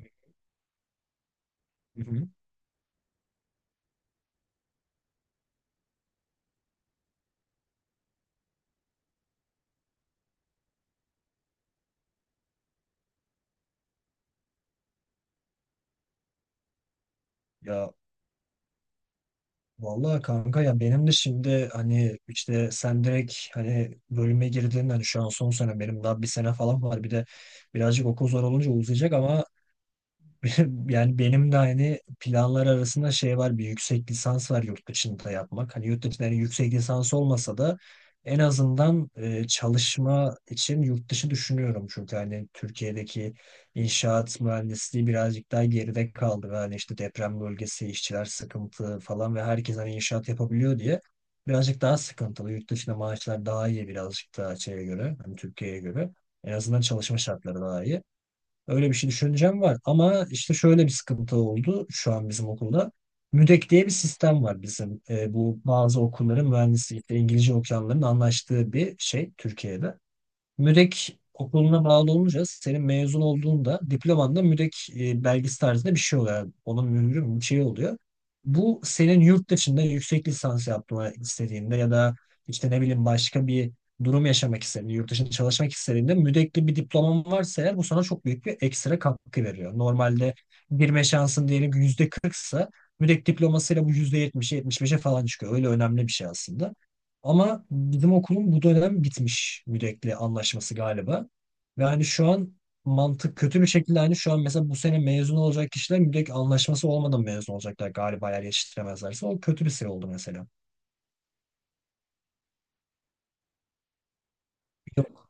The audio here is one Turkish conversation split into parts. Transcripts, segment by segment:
Hı hı. Ya vallahi kanka ya benim de şimdi hani işte sen direkt hani bölüme girdin hani şu an son sene benim daha bir sene falan var bir de birazcık okul zor olunca uzayacak ama Yani benim de hani planlar arasında şey var bir yüksek lisans var yurt dışında yapmak. Hani yurt dışında yani yüksek lisans olmasa da en azından çalışma için yurt dışı düşünüyorum. Çünkü hani Türkiye'deki inşaat mühendisliği birazcık daha geride kaldı. Ve hani işte deprem bölgesi, işçiler sıkıntı falan ve herkes hani inşaat yapabiliyor diye birazcık daha sıkıntılı. Yurt dışında maaşlar daha iyi birazcık daha şeye göre, hani Türkiye'ye göre. En azından çalışma şartları daha iyi. Öyle bir şey düşüneceğim var. Ama işte şöyle bir sıkıntı oldu şu an bizim okulda. MÜDEK diye bir sistem var bizim. Bu bazı okulların mühendislikte İngilizce okuyanların anlaştığı bir şey Türkiye'de. MÜREK okuluna bağlı olunca senin mezun olduğunda diplomanda MÜREK belgesi tarzında bir şey oluyor. Yani onun mührü mü, bir şey oluyor. Bu senin yurt dışında yüksek lisans yapmanı istediğinde ya da işte ne bileyim başka bir durum yaşamak istediğinde, yurt dışında çalışmak istediğinde mürekli bir diploman varsa eğer bu sana çok büyük bir ekstra katkı veriyor. Normalde girme şansın diyelim ki %40'sa müdek diplomasıyla bu %70'e 75'e falan çıkıyor. Öyle önemli bir şey aslında. Ama bizim okulun bu dönem bitmiş müdekli anlaşması galiba. Ve hani şu an mantık kötü bir şekilde hani şu an mesela bu sene mezun olacak kişiler müdek anlaşması olmadan mezun olacaklar galiba eğer yetiştiremezlerse. O kötü bir şey oldu mesela. Yok.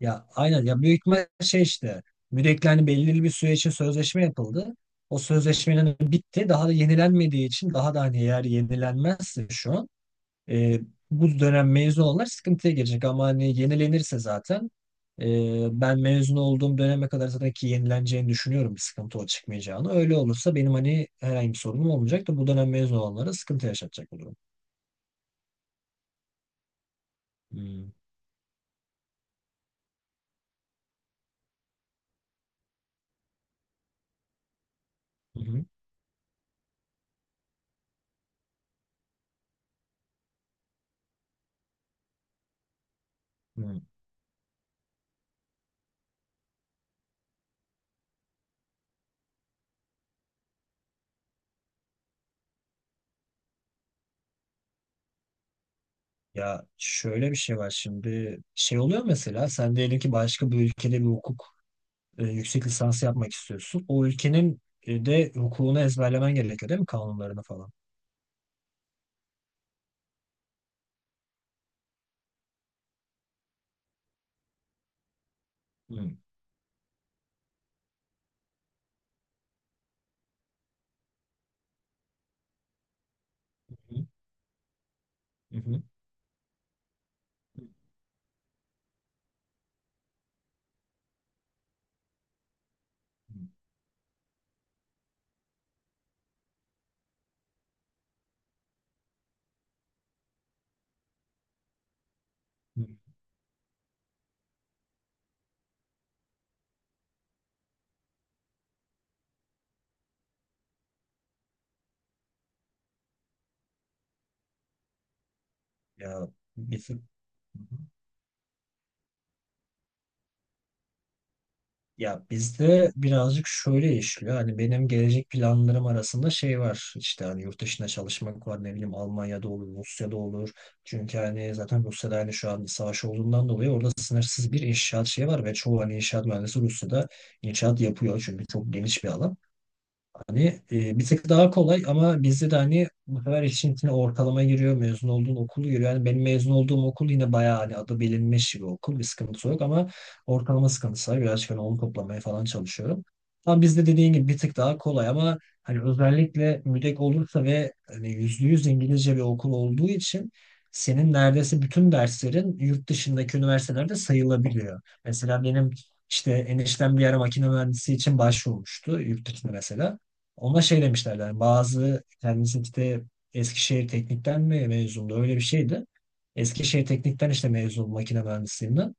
Ya aynen ya büyük ihtimal şey işte müdekli hani belirli bir süre için sözleşme yapıldı. O sözleşmenin bitti. Daha da yenilenmediği için daha da hani eğer yenilenmezse şu an E, bu dönem mezun olanlar sıkıntıya girecek ama hani yenilenirse zaten ben mezun olduğum döneme kadar zaten ki yenileneceğini düşünüyorum bir sıkıntı o çıkmayacağını. Öyle olursa benim hani herhangi bir sorunum olmayacak da bu dönem mezun olanlara sıkıntı yaşatacak bu durum. Hmm. Hı hı. Hmm. Ya şöyle bir şey var şimdi şey oluyor mesela sen diyelim ki başka bir ülkede bir hukuk yüksek lisansı yapmak istiyorsun. O ülkenin de hukukunu ezberlemen gerekiyor değil mi kanunlarını falan? Hı hı. Hı hı. Hı hı. Ya bizim ya bizde birazcık şöyle işliyor. Hani benim gelecek planlarım arasında şey var. İşte hani yurt dışına çalışmak var. Ne bileyim Almanya'da olur, Rusya'da olur. Çünkü hani zaten Rusya'da hani şu an bir savaş olduğundan dolayı orada sınırsız bir inşaat şeyi var ve çoğu hani inşaat mühendisi Rusya'da inşaat yapıyor. Çünkü çok geniş bir alan. Hani bir tık daha kolay ama bizde de hani bu sefer işin içine ortalama giriyor, mezun olduğun okulu giriyor. Yani benim mezun olduğum okul yine bayağı hani adı bilinmiş bir okul, bir sıkıntısı yok ama ortalama sıkıntısı var. Birazcık hani onu toplamaya falan çalışıyorum. Ama bizde dediğin gibi bir tık daha kolay ama hani özellikle müdek olursa ve hani %100 İngilizce bir okul olduğu için senin neredeyse bütün derslerin yurt dışındaki üniversitelerde sayılabiliyor. Mesela benim işte eniştem bir yere makine mühendisi için başvurmuştu yurt dışında mesela. Ona şey demişlerdi. Yani bazı kendisi işte Eskişehir Teknik'ten mi mezundu? Öyle bir şeydi. Eskişehir Teknik'ten işte mezun makine mühendisliğinden.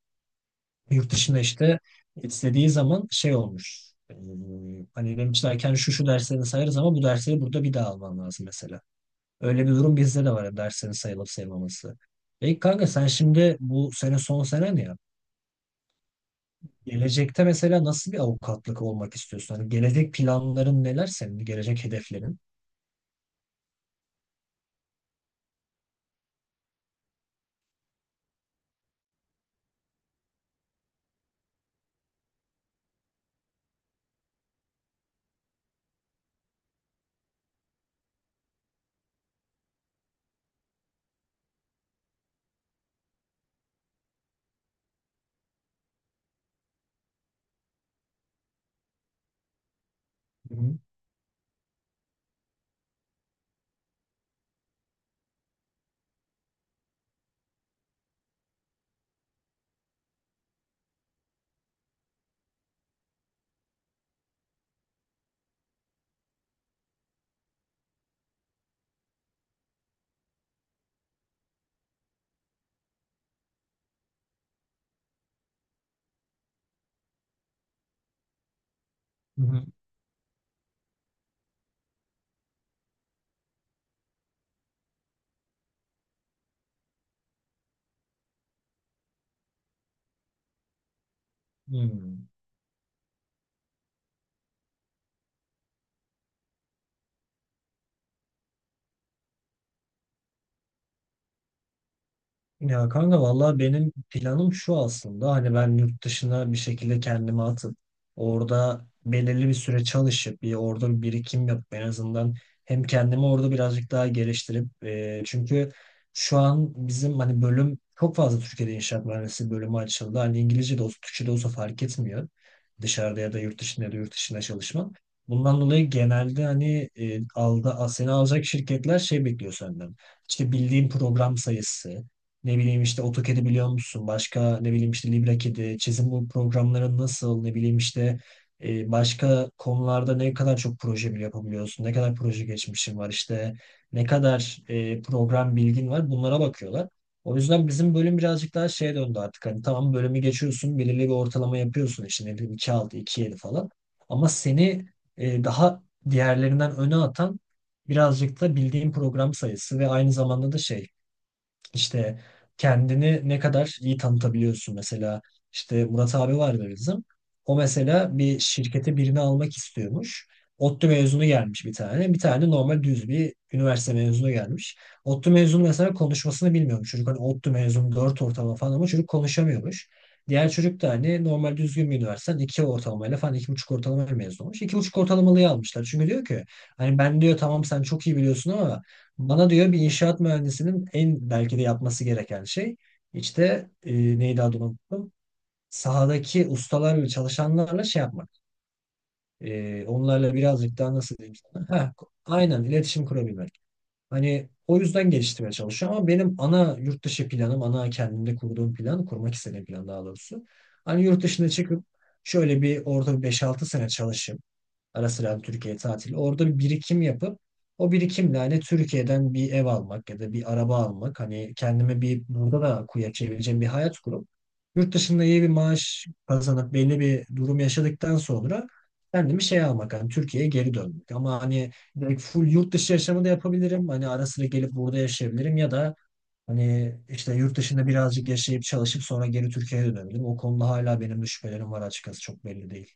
Yurt dışında işte istediği zaman şey olmuş. Hani demişlerken şu şu derslerini sayarız ama bu dersleri burada bir daha alman lazım mesela. Öyle bir durum bizde de var ya, derslerin sayılıp sayılmaması. Peki kanka sen şimdi bu sene son senen ya. Gelecekte mesela nasıl bir avukatlık olmak istiyorsun? Hani gelecek planların neler senin? Gelecek hedeflerin? Hı hı. Hmm. Ya kanka vallahi benim planım şu aslında hani ben yurt dışına bir şekilde kendimi atıp orada belirli bir süre çalışıp bir orada bir birikim yapıp en azından hem kendimi orada birazcık daha geliştirip çünkü şu an bizim hani bölüm çok fazla Türkiye'de inşaat mühendisliği bölümü açıldı. Hani İngilizce de olsa Türkçe de olsa fark etmiyor. Dışarıda ya da yurt dışında çalışma. Bundan dolayı genelde hani seni alacak şirketler şey bekliyor senden. İşte bildiğin program sayısı, ne bileyim işte AutoCAD'i biliyor musun? Başka ne bileyim işte LibreCAD'i, çizim bu programları nasıl? Ne bileyim işte başka konularda ne kadar çok proje bile yapabiliyorsun? Ne kadar proje geçmişin var? İşte ne kadar program bilgin var? Bunlara bakıyorlar. O yüzden bizim bölüm birazcık daha şeye döndü artık. Hani tamam bölümü geçiyorsun, belirli bir ortalama yapıyorsun. İşte ne bileyim 2,6, 2,7 falan. Ama seni daha diğerlerinden öne atan birazcık da bildiğin program sayısı ve aynı zamanda da şey işte kendini ne kadar iyi tanıtabiliyorsun. Mesela işte Murat abi vardı bizim. O mesela bir şirkete birini almak istiyormuş. ODTÜ mezunu gelmiş bir tane. Bir tane normal düz bir üniversite mezunu gelmiş. ODTÜ mezunu mesela konuşmasını bilmiyormuş. Çocuk hani ODTÜ mezunu dört ortalama falan ama çocuk konuşamıyormuş. Diğer çocuk da hani normal düzgün bir üniversiteden 2 ortalamayla falan 2,5 ortalama mezun olmuş. 2,5 ortalamalıyı almışlar. Çünkü diyor ki hani ben diyor tamam sen çok iyi biliyorsun ama bana diyor bir inşaat mühendisinin en belki de yapması gereken şey işte neydi adını unuttum. Sahadaki ustalarla çalışanlarla şey yapmak. Onlarla birazcık daha nasıl diyeyim sana. Heh, aynen iletişim kurabilmek. Hani o yüzden geliştirmeye çalışıyorum ama benim ana yurt dışı planım, ana kendimde kurduğum plan, kurmak istediğim plan daha doğrusu. Hani yurt dışına çıkıp şöyle bir orada 5-6 sene çalışıp ara sıra Türkiye tatili. Orada bir birikim yapıp o birikimle hani Türkiye'den bir ev almak ya da bir araba almak. Hani kendime bir burada da kuya çevireceğim bir hayat kurup yurt dışında iyi bir maaş kazanıp belli bir durum yaşadıktan sonra kendimi şey almak hani Türkiye'ye geri dönmek. Ama hani direkt full yurt dışı yaşamı da yapabilirim. Hani ara sıra gelip burada yaşayabilirim ya da hani işte yurt dışında birazcık yaşayıp çalışıp sonra geri Türkiye'ye dönebilirim. O konuda hala benim de şüphelerim var açıkçası çok belli değil.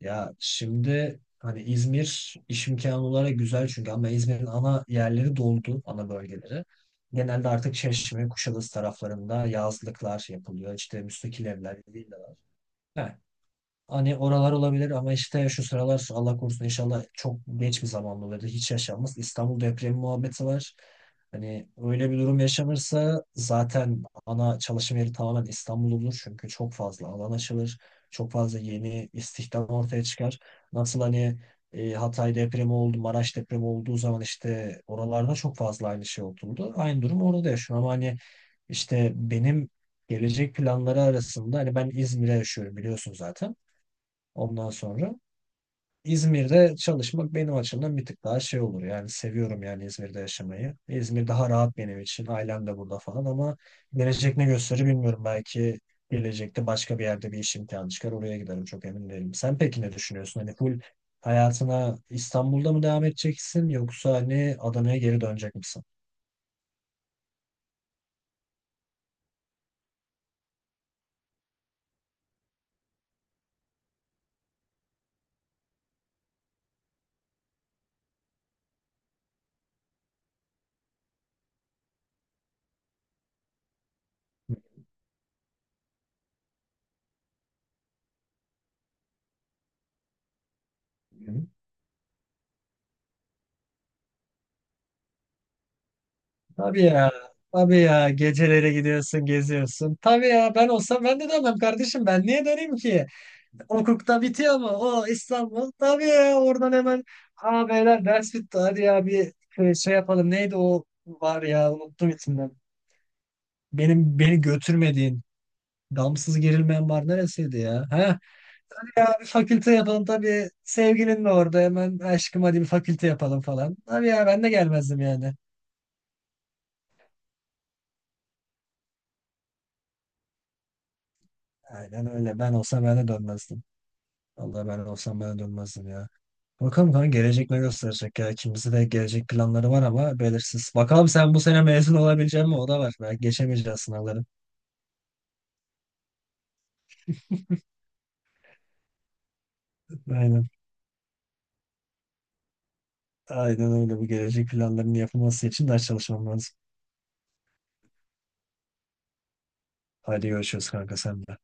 Ya şimdi hani İzmir iş imkanı olarak güzel çünkü ama İzmir'in ana yerleri doldu, ana bölgeleri. Genelde artık Çeşme, Kuşadası taraflarında yazlıklar yapılıyor. İşte müstakil evler, villalar. Heh. Hani oralar olabilir ama işte şu sıralar Allah korusun inşallah çok geç bir zamanda olur. Hiç yaşanmaz. İstanbul depremi muhabbeti var. Hani öyle bir durum yaşanırsa zaten ana çalışma yeri tamamen İstanbul olur. Çünkü çok fazla alan açılır. Çok fazla yeni istihdam ortaya çıkar. Nasıl hani Hatay depremi oldu, Maraş depremi olduğu zaman işte oralarda çok fazla aynı şey oldu. Aynı durum orada da yaşanıyor ama hani işte benim gelecek planları arasında hani ben İzmir'e yaşıyorum biliyorsun zaten. Ondan sonra İzmir'de çalışmak benim açımdan bir tık daha şey olur. Yani seviyorum yani İzmir'de yaşamayı. İzmir daha rahat benim için. Ailem de burada falan ama gelecek ne gösterir bilmiyorum. Belki gelecekte başka bir yerde bir iş imkanı çıkar. Oraya giderim çok emin değilim. Sen peki ne düşünüyorsun? Hani full hayatına İstanbul'da mı devam edeceksin yoksa hani Adana'ya geri dönecek misin? Hı. Tabii ya. Tabii ya. Gecelere gidiyorsun, geziyorsun. Tabii ya ben olsam ben de dönmem kardeşim. Ben niye döneyim ki? Hukukta bitiyor mu? O İstanbul. Tabii ya oradan hemen Aa beyler ders bitti. Hadi ya bir şey yapalım. Neydi o var ya unuttum isimden. Benim beni götürmediğin damsız gerilmeyen var neresiydi ya? Ha? Bir fakülte yapalım tabii. Sevgilin de orada hemen aşkım hadi bir fakülte yapalım falan. Tabii ya ben de gelmezdim yani. Aynen öyle. Ben olsam ben de dönmezdim. Vallahi ben olsam ben de dönmezdim ya. Bakalım kanka gelecek ne gösterecek ya. İkimizin de gelecek planları var ama belirsiz. Bakalım sen bu sene mezun olabilecek mi? O da var. Belki geçemeyeceğiz sınavları. Aynen. Aynen öyle. Bu gelecek planlarının yapılması için ders çalışmam lazım. Hadi görüşürüz kanka sen de.